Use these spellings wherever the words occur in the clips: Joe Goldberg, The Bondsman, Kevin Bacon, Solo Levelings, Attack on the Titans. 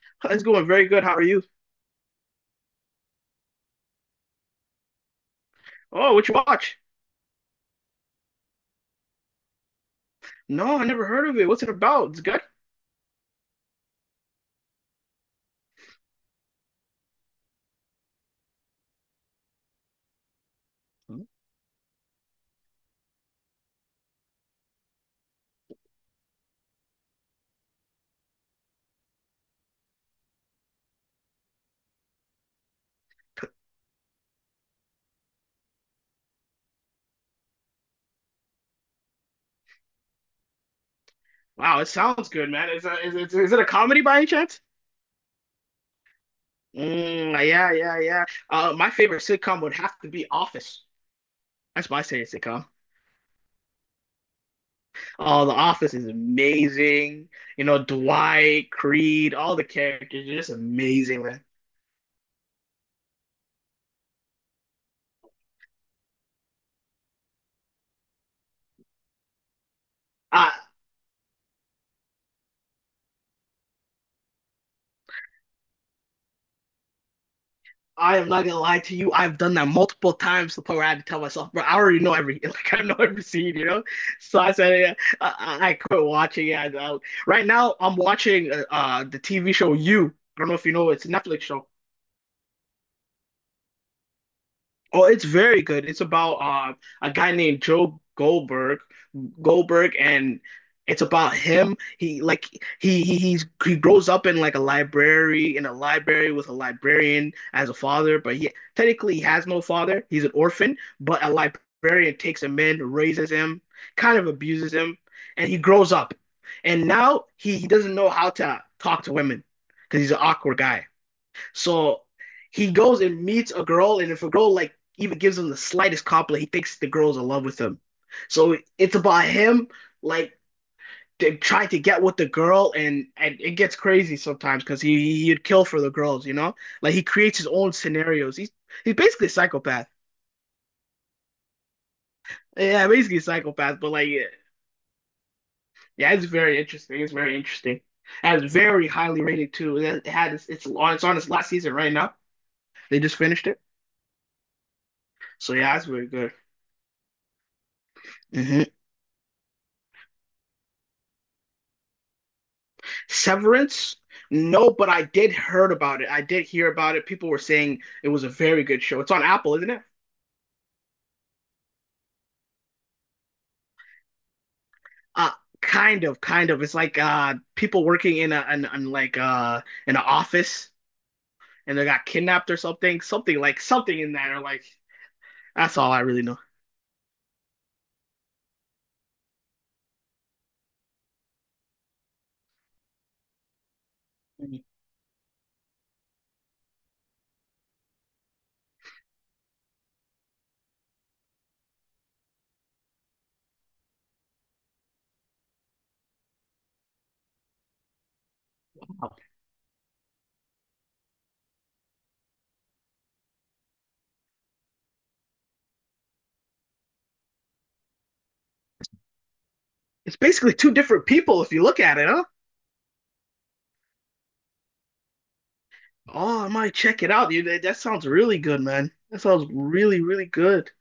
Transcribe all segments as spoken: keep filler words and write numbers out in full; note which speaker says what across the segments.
Speaker 1: It's going very good. How are you? Oh, what you watch? No, I never heard of it. What's it about? It's good. Hmm? Wow, it sounds good, man. Is, that, is, it is it a comedy by any chance? Mm, yeah, yeah, yeah. Uh, my favorite sitcom would have to be Office. That's my favorite sitcom. Oh, The Office is amazing. You know, Dwight, Creed, all the characters are just amazing, man. I, I am not gonna lie to you. I've done that multiple times to the point where I had to tell myself, bro, I already know every like I know every scene, you know. So I said, yeah, I, I quit watching. Yeah, I, I- right now I'm watching uh, uh the T V show You. I don't know if you know, it's a Netflix show. Oh, it's very good. It's about uh, a guy named Joe Goldberg, Goldberg, and it's about him. He like he he he's, He grows up in like a library in a library with a librarian as a father, but he technically he has no father. He's an orphan, but a librarian takes him in, raises him, kind of abuses him, and he grows up. And now he, he doesn't know how to talk to women because he's an awkward guy. So he goes and meets a girl, and if a girl like even gives him the slightest compliment, he thinks the girl's in love with him. So it's about him like to- trying to get with the girl, and and it gets crazy sometimes because he he'd kill for the girls, you know? Like he creates his own scenarios. He's he's basically a psychopath. Yeah, basically a psychopath, but like yeah, yeah, it's very interesting. It's very interesting. And it's very highly rated too. And It had it's, it's on it's on its last season right now. They just finished it. So yeah, it's very good. hmm Severance? No, but I did heard about it. I did hear about it. People were saying it was a very good show. It's on Apple, isn't it? Uh, Kind of, kind of. It's like uh people working in a an, an like uh in an office and they got kidnapped or something. Something like something in that or like that's all I really know. Wow. It's basically two different people if you look at it, huh? Oh, I might check it out, dude. That, that sounds really good, man. That sounds really, really good.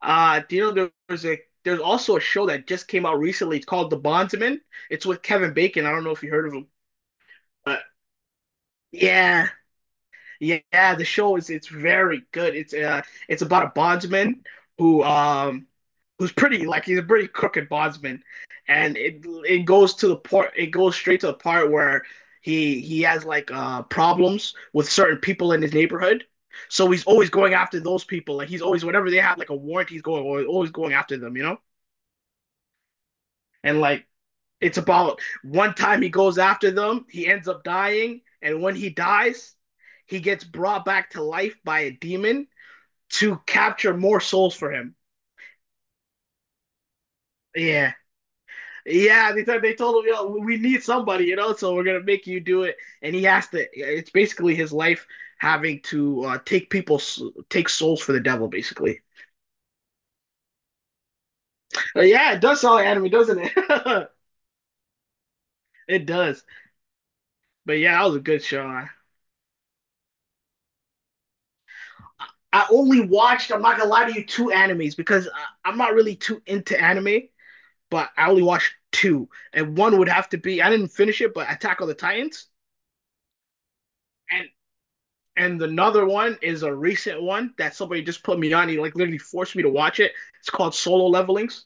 Speaker 1: Uh, do you know there's a there's also a show that just came out recently. It's called The Bondsman. It's with Kevin Bacon. I don't know if you heard of him, but yeah, yeah, yeah, the show is it's very good. It's uh it's about a bondsman who um who's pretty like he's a pretty crooked bondsman, and it it goes to the part it goes straight to the part where he he has like uh problems with certain people in his neighborhood. So he's always going after those people. Like he's always whenever they have like a warrant, he's going always going after them. You know. And like it's about one time he goes after them, he ends up dying, and when he dies, he gets brought back to life by a demon to capture more souls for him. Yeah. Yeah, they, t- they told him, yo, we need somebody, you know, so we're going to make you do it. And he has to, it's basically his life having to uh, take people's, take souls for the devil, basically. But yeah, it does sound like anime, doesn't it? It does. But yeah, that was a good show. I only watched, I'm not gonna lie to you, two animes because I, am not really too into anime, but I only watched two. And one would have to be, I didn't finish it, but Attack on the Titans. And and another one is a recent one that somebody just put me on. He like literally forced me to watch it. It's called Solo Levelings.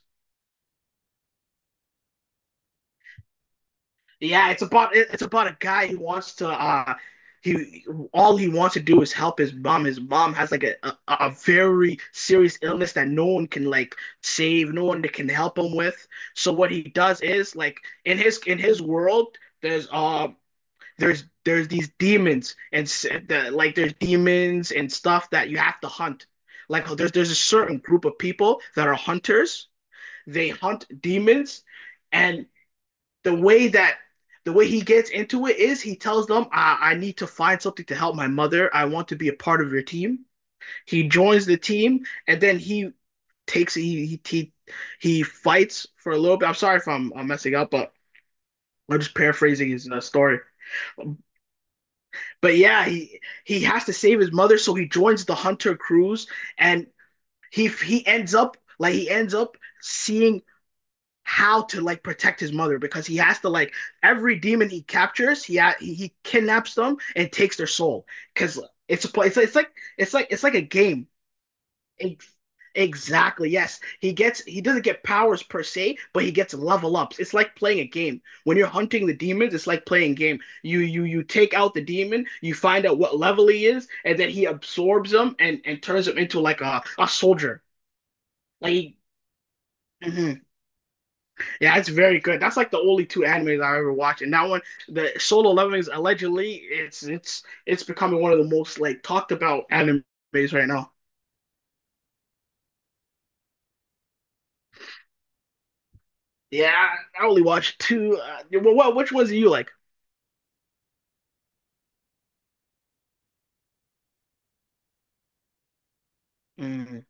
Speaker 1: Yeah, it's about it's about a guy who wants to uh he all he wants to do is help his mom. His mom has like a, a a very serious illness that no one can like save, no one that can help him with. So what he does is like in his in his world, there's uh there's there's these demons and s- the, like there's demons and stuff that you have to hunt. Like there's there's a certain group of people that are hunters. They hunt demons. And the way that the way he gets into it is he tells them, I, I need to find something to help my mother. I want to be a part of your team. He joins the team and then he takes he he he, fights for a little bit. I'm sorry if I'm, I'm messing up, but I'm just paraphrasing his uh, story. But yeah, he he has to save his mother, so he joins the hunter crews and he he ends up like he ends up seeing how to like protect his mother because he has to like every demon he captures, he ha- he, he kidnaps them and takes their soul because it's a play. It's, it's like it's like it's like a game. Ex- Exactly. Yes, he gets he doesn't get powers per se, but he gets level ups. It's like playing a game. When you're hunting the demons, it's like playing game. You you you take out the demon, you find out what level he is, and then he absorbs them and and turns him into like a a soldier. Like. Mhm. Yeah, it's very good. That's like the only two animes I've ever watched, and that one, the Solo Leveling, is allegedly it's it's it's becoming one of the most like talked about animes right now. Yeah, I only watched two. Uh, yeah, well, what which ones do you like? Mm,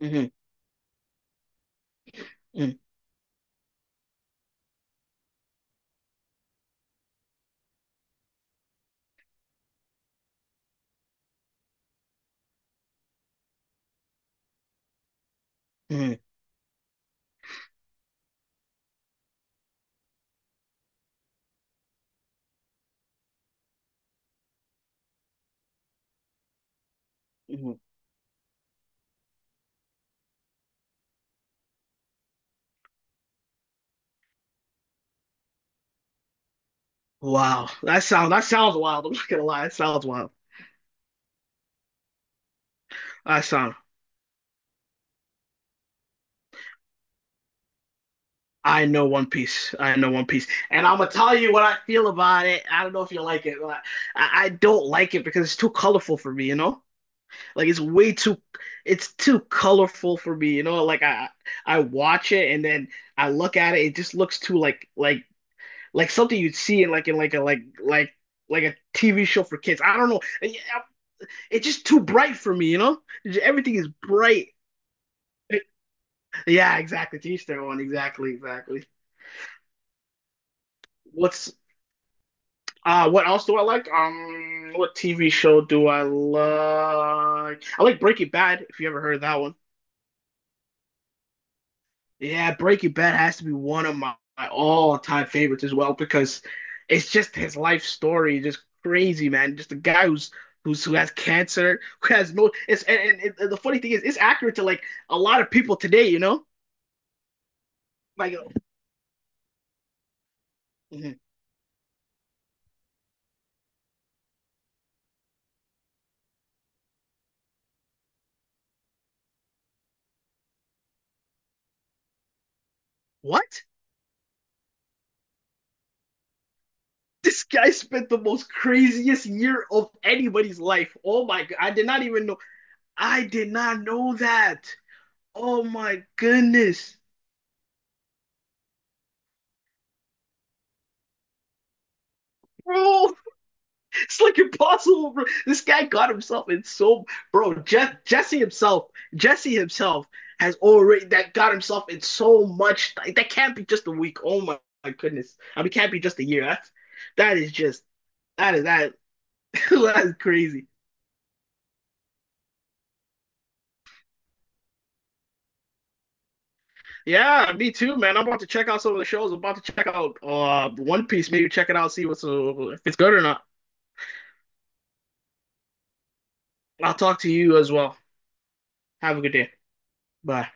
Speaker 1: mm, mm, mm, mm. Wow, that sounds that sounds wild. I'm not gonna lie, that sounds wild. That sound. I know One Piece. I know One Piece, and I'm gonna tell you what I feel about it. I don't know if you like it. But I, I don't like it because it's too colorful for me. You know. Like it's way too it's too colorful for me, you know? Like I I watch it and then I look at it, it just looks too like like like something you'd see in like in like a like like like a T V show for kids. I don't know. Yeah, it's just too bright for me, you know? It's- just- Everything is bright. Yeah, exactly. To each their own. Exactly, exactly. What's uh what else do I like? Um what T V show do I like? I like Breaking Bad, if you ever heard of that one. Yeah, Breaking Bad has to be one of my, my all-time favorites as well because it's just his life story, just crazy, man. Just a guy who's who's who has cancer, who has no. It's and, and, and the funny thing is, it's accurate to like a lot of people today. You know, like mhm, what? This guy spent the most craziest year of anybody's life. Oh my God, I did not even know. I did not know that. Oh my goodness, bro. It's like impossible. Bro. This guy got himself in so bro. Je- Jesse himself, Jesse himself has already that got himself in so much. That can't be just a week. Oh my, my goodness. I mean, it can't be just a year. That's that is just that is that that is crazy. Yeah, me too, man. I'm about to check out some of the shows. I'm about to check out uh One Piece. Maybe check it out, see what's uh, if it's good or not. I'll talk to you as well. Have a good day. Bye.